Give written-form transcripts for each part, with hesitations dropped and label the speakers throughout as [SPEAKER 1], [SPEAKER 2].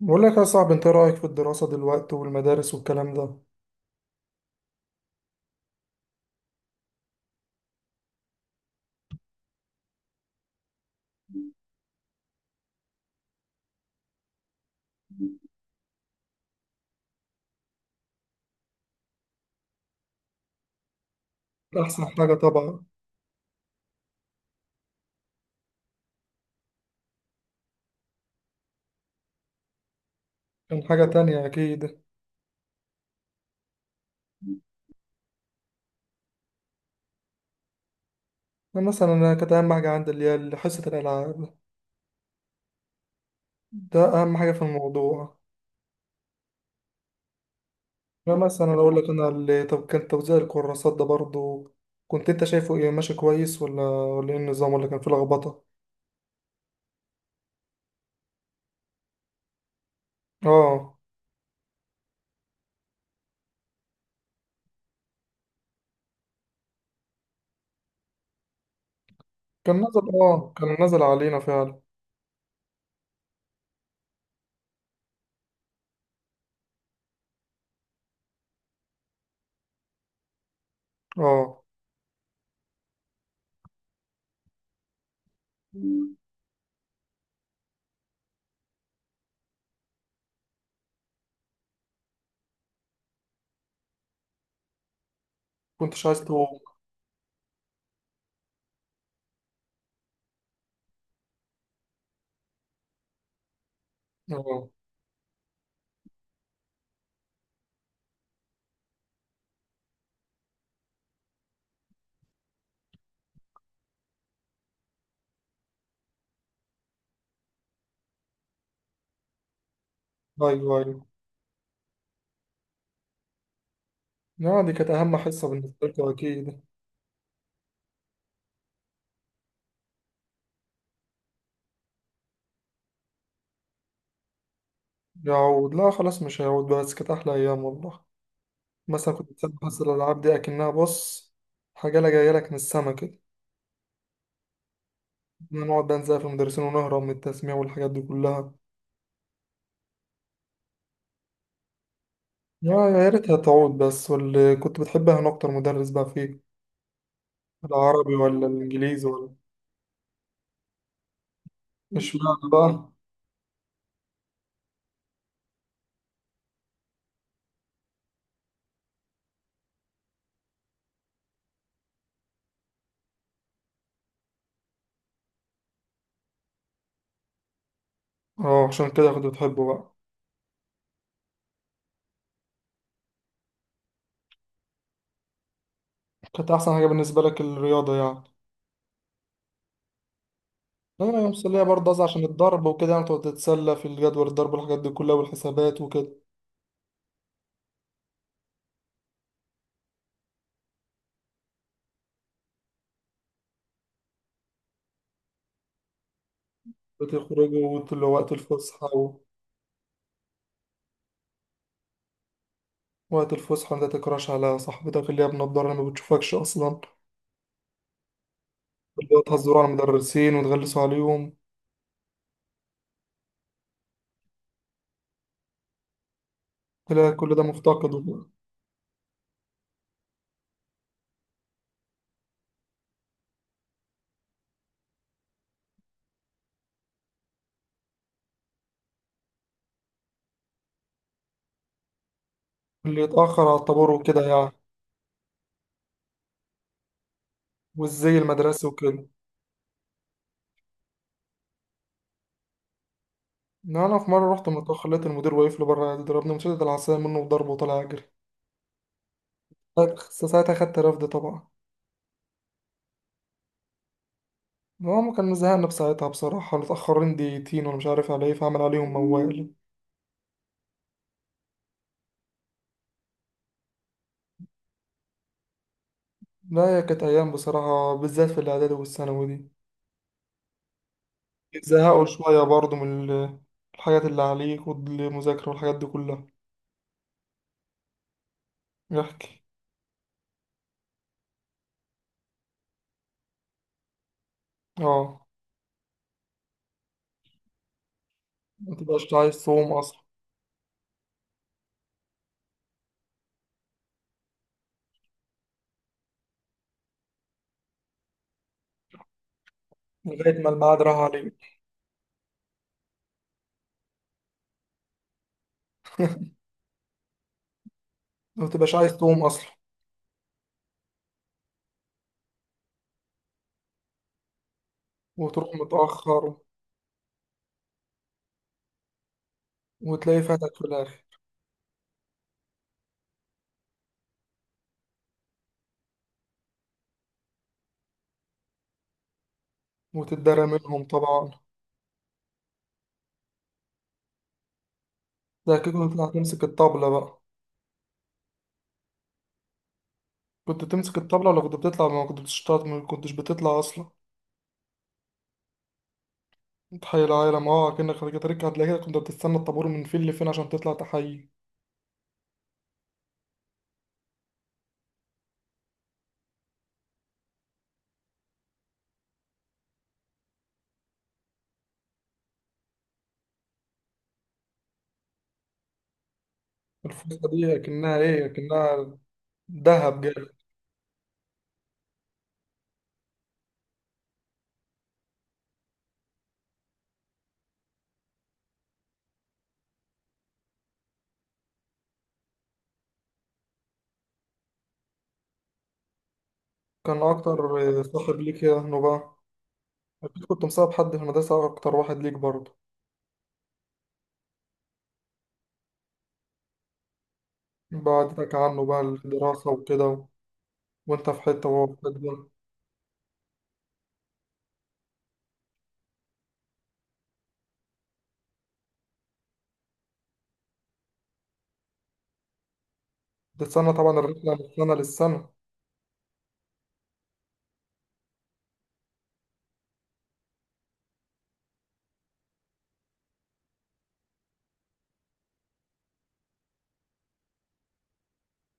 [SPEAKER 1] بقول لك يا صاحبي، انت رأيك في الدراسة دلوقتي والمدارس والكلام ده؟ أحسن حاجة طبعا. كان حاجة تانية أكيد. أنا مثلا كانت أهم حاجة عندي اللي هي حصة الألعاب. ده أهم حاجة في الموضوع. أنا مثلا أقول لك اللي طب، كان توزيع الكراسات ده برضو كنت أنت شايفه إيه، ماشي كويس ولا إيه النظام، ولا كان فيه لخبطة؟ آه، كان نزل، آه، كان نزل علينا فعلا. آه. كنتش عايز تقوم. آه. أيوه أيوه. يعني دي كانت أهم حصة بالنسبة لكم أكيد. يعود؟ لا خلاص، مش هيعود، بس كانت أحلى أيام والله. مثلا كنت بتسمع حصة الألعاب دي أكنها، بص، حاجة لا، جاية لك من السما كده. إحنا نقعد بقى نزعل في المدرسين ونهرب من التسميع والحاجات دي كلها. يا ريتها تعود بس. واللي كنت بتحبها أنا أكتر مدرس بقى فيه، العربي ولا الإنجليزي ولا؟ اشمعنى بقى؟ اه، عشان كده كنت بتحبه بقى. كانت أحسن حاجة بالنسبة لك الرياضة يعني. أنا يوم السلية برضه أصلا، عشان الضرب وكده، يعني تقعد تتسلى في الجدول الضرب والحاجات دي كلها والحسابات وكده. بتخرجوا وقت الفسحة. وقت الفسحة انت تكراش على صاحبتك اللي هي بنضارة اللي ما بتشوفكش أصلا، اللي هو تهزروا على المدرسين وتغلسوا عليهم. تلاقي كل ده مفتقد وكده. اللي يتأخر على الطابور وكده يعني. والزي المدرسي وكده. إن أنا في مرة رحت متأخر، لقيت المدير واقف لي بره، ضربني مشدد العصاية منه وضربه وطلع أجري. ساعتها خدت رفد طبعا. هو كان مزهقنا بساعتها بصراحة، متأخرين دقيقتين وأنا مش عارف على إيه، فعمل عليهم موال. لا هي كانت أيام بصراحة، بالذات في الإعدادي والثانوي دي يزهقوا شوية برضو من الحاجات اللي عليك والمذاكرة والحاجات دي كلها. يحكي. اه. متبقاش عايز تقوم أصلا. لغاية ما الميعاد راح عليك. متبقاش عايز تقوم أصلا. وتروح متأخر. وتلاقي فاتك في الآخر. وتتدرى منهم طبعا. ده أكيد كنت بتطلع تمسك الطبلة بقى. كنت بتمسك الطبلة، ولا كنت بتطلع، ما كنت بتشتغل، ما كنتش بتطلع أصلا؟ تحيي العالم، اه، أكنك خارج تركة هتلاقي كده. كنت بتستنى الطابور من فين لفين عشان تطلع تحيي. الفرصة دي أكنها إيه، أكنها دهب جاي. كان أكتر صاحب ليك إيه عنه بقى؟ أكيد كنت مصاحب حد في المدرسة أكتر، واحد ليك برضه. بعدتك عنه بقى الدراسة وكده و... وأنت في حتة وهو في حتة. تستنى طبعا الرحلة من سنة للسنة.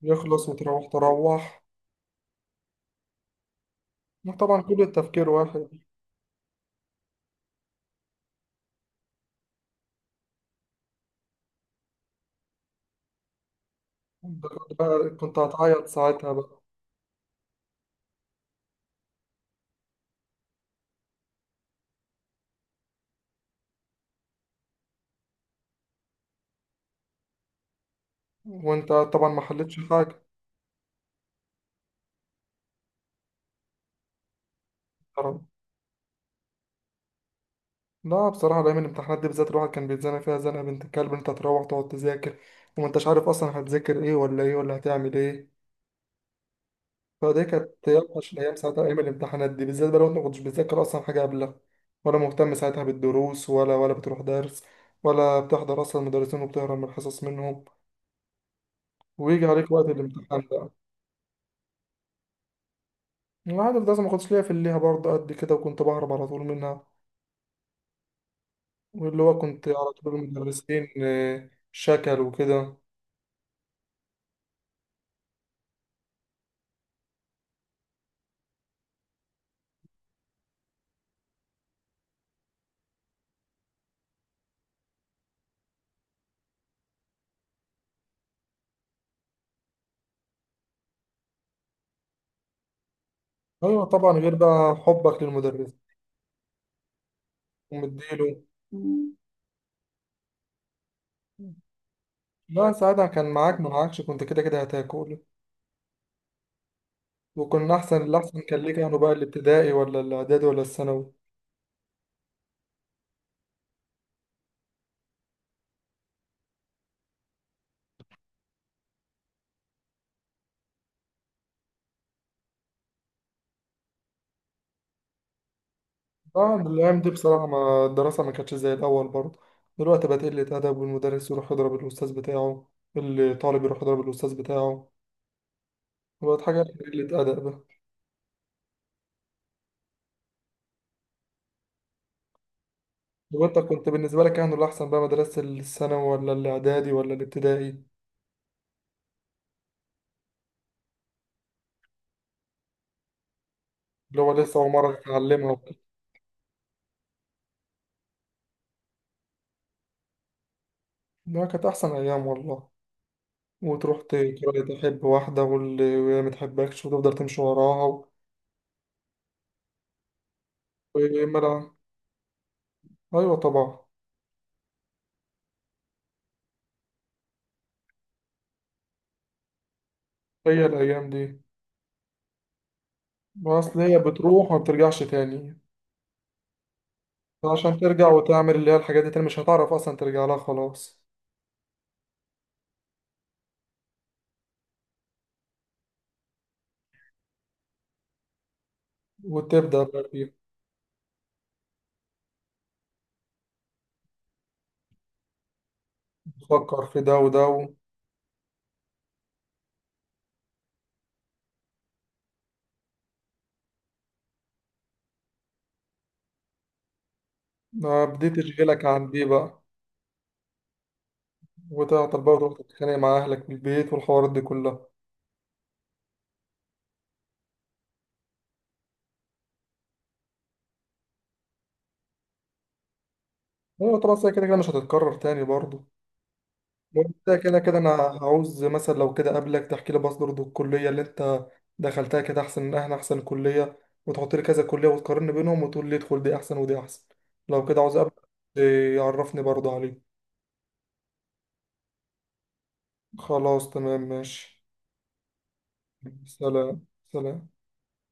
[SPEAKER 1] يخلص وتروح، تروح. طبعا كل التفكير واحد. أنت كنت بقى كنت هتعيط ساعتها بقى. وأنت طبعا ما حلتش حاجة. لا بصراحة دايما الامتحانات دي بالذات الواحد كان بيتزنق فيها زنقة بنت الكلب. أنت تروح تقعد تذاكر وما أنتش عارف أصلا هتذاكر إيه، ولا إيه، ولا هتعمل إيه. فدي كانت أوحش الأيام ساعتها، أيام الامتحانات دي بالذات بقى، لو أنت ما كنتش بتذاكر أصلا حاجة قبلها، ولا مهتم ساعتها بالدروس، ولا بتروح درس، ولا بتحضر أصلا المدرسين، وبتهرب من الحصص منهم، ويجي عليك وقت الامتحان بقى. العادة في ده ما كنتش ليا في الليها برضه قد كده، وكنت بهرب على طول منها. واللي هو كنت على طول المدرسين، شكل وكده. أيوة طبعا، غير بقى حبك للمدرس. ومديله. مم. لا ساعتها كان معاك ما معاكش، كنت كده كده هتاكل. وكنا أحسن، الأحسن كان ليه؟ كانوا بقى الابتدائي ولا الإعدادي ولا الثانوي؟ اه الأيام دي بصراحة ما الدراسة ما كانتش زي الأول برضه. دلوقتي بقت قلة أدب، والمدرس يروح يضرب الأستاذ بتاعه، الطالب يروح يضرب الأستاذ بتاعه. وبقت حاجة قلة أدب بقى. وأنت كنت، بالنسبة لك كانوا الأحسن بقى مدرسة الثانوي ولا الإعدادي ولا الابتدائي؟ اللي هو لسه أول مرة تتعلمها وكده. ده كانت أحسن أيام والله. وتروح تحب واحدة واللي ما تحبكش، وتفضل تمشي وراها و... وما لا. أيوة طبعا. هي الأيام دي أصل هي بتروح وما بترجعش تاني. عشان ترجع وتعمل اللي هي الحاجات دي تاني، مش هتعرف أصلا ترجع لها خلاص. وتبدأ بقى فيه. تفكر في ده وده و... ما بديت تشغلك عن دي بقى. وتعطل بقى وتروح تتخانق مع أهلك في البيت والحوارات دي كلها. أيوة طبعا أصل هي كده كده مش هتتكرر تاني برضه. وانت كده كده، انا هعوز مثلا لو كده قبلك تحكي لي بس برضه الكليه اللي انت دخلتها كانت احسن، من احنا احسن كليه، وتحط لي كذا كليه وتقارن بينهم وتقول لي ادخل دي احسن ودي احسن. لو كده عاوز قبلك، إيه، يعرفني برضه عليه. خلاص تمام ماشي. سلام. سلام.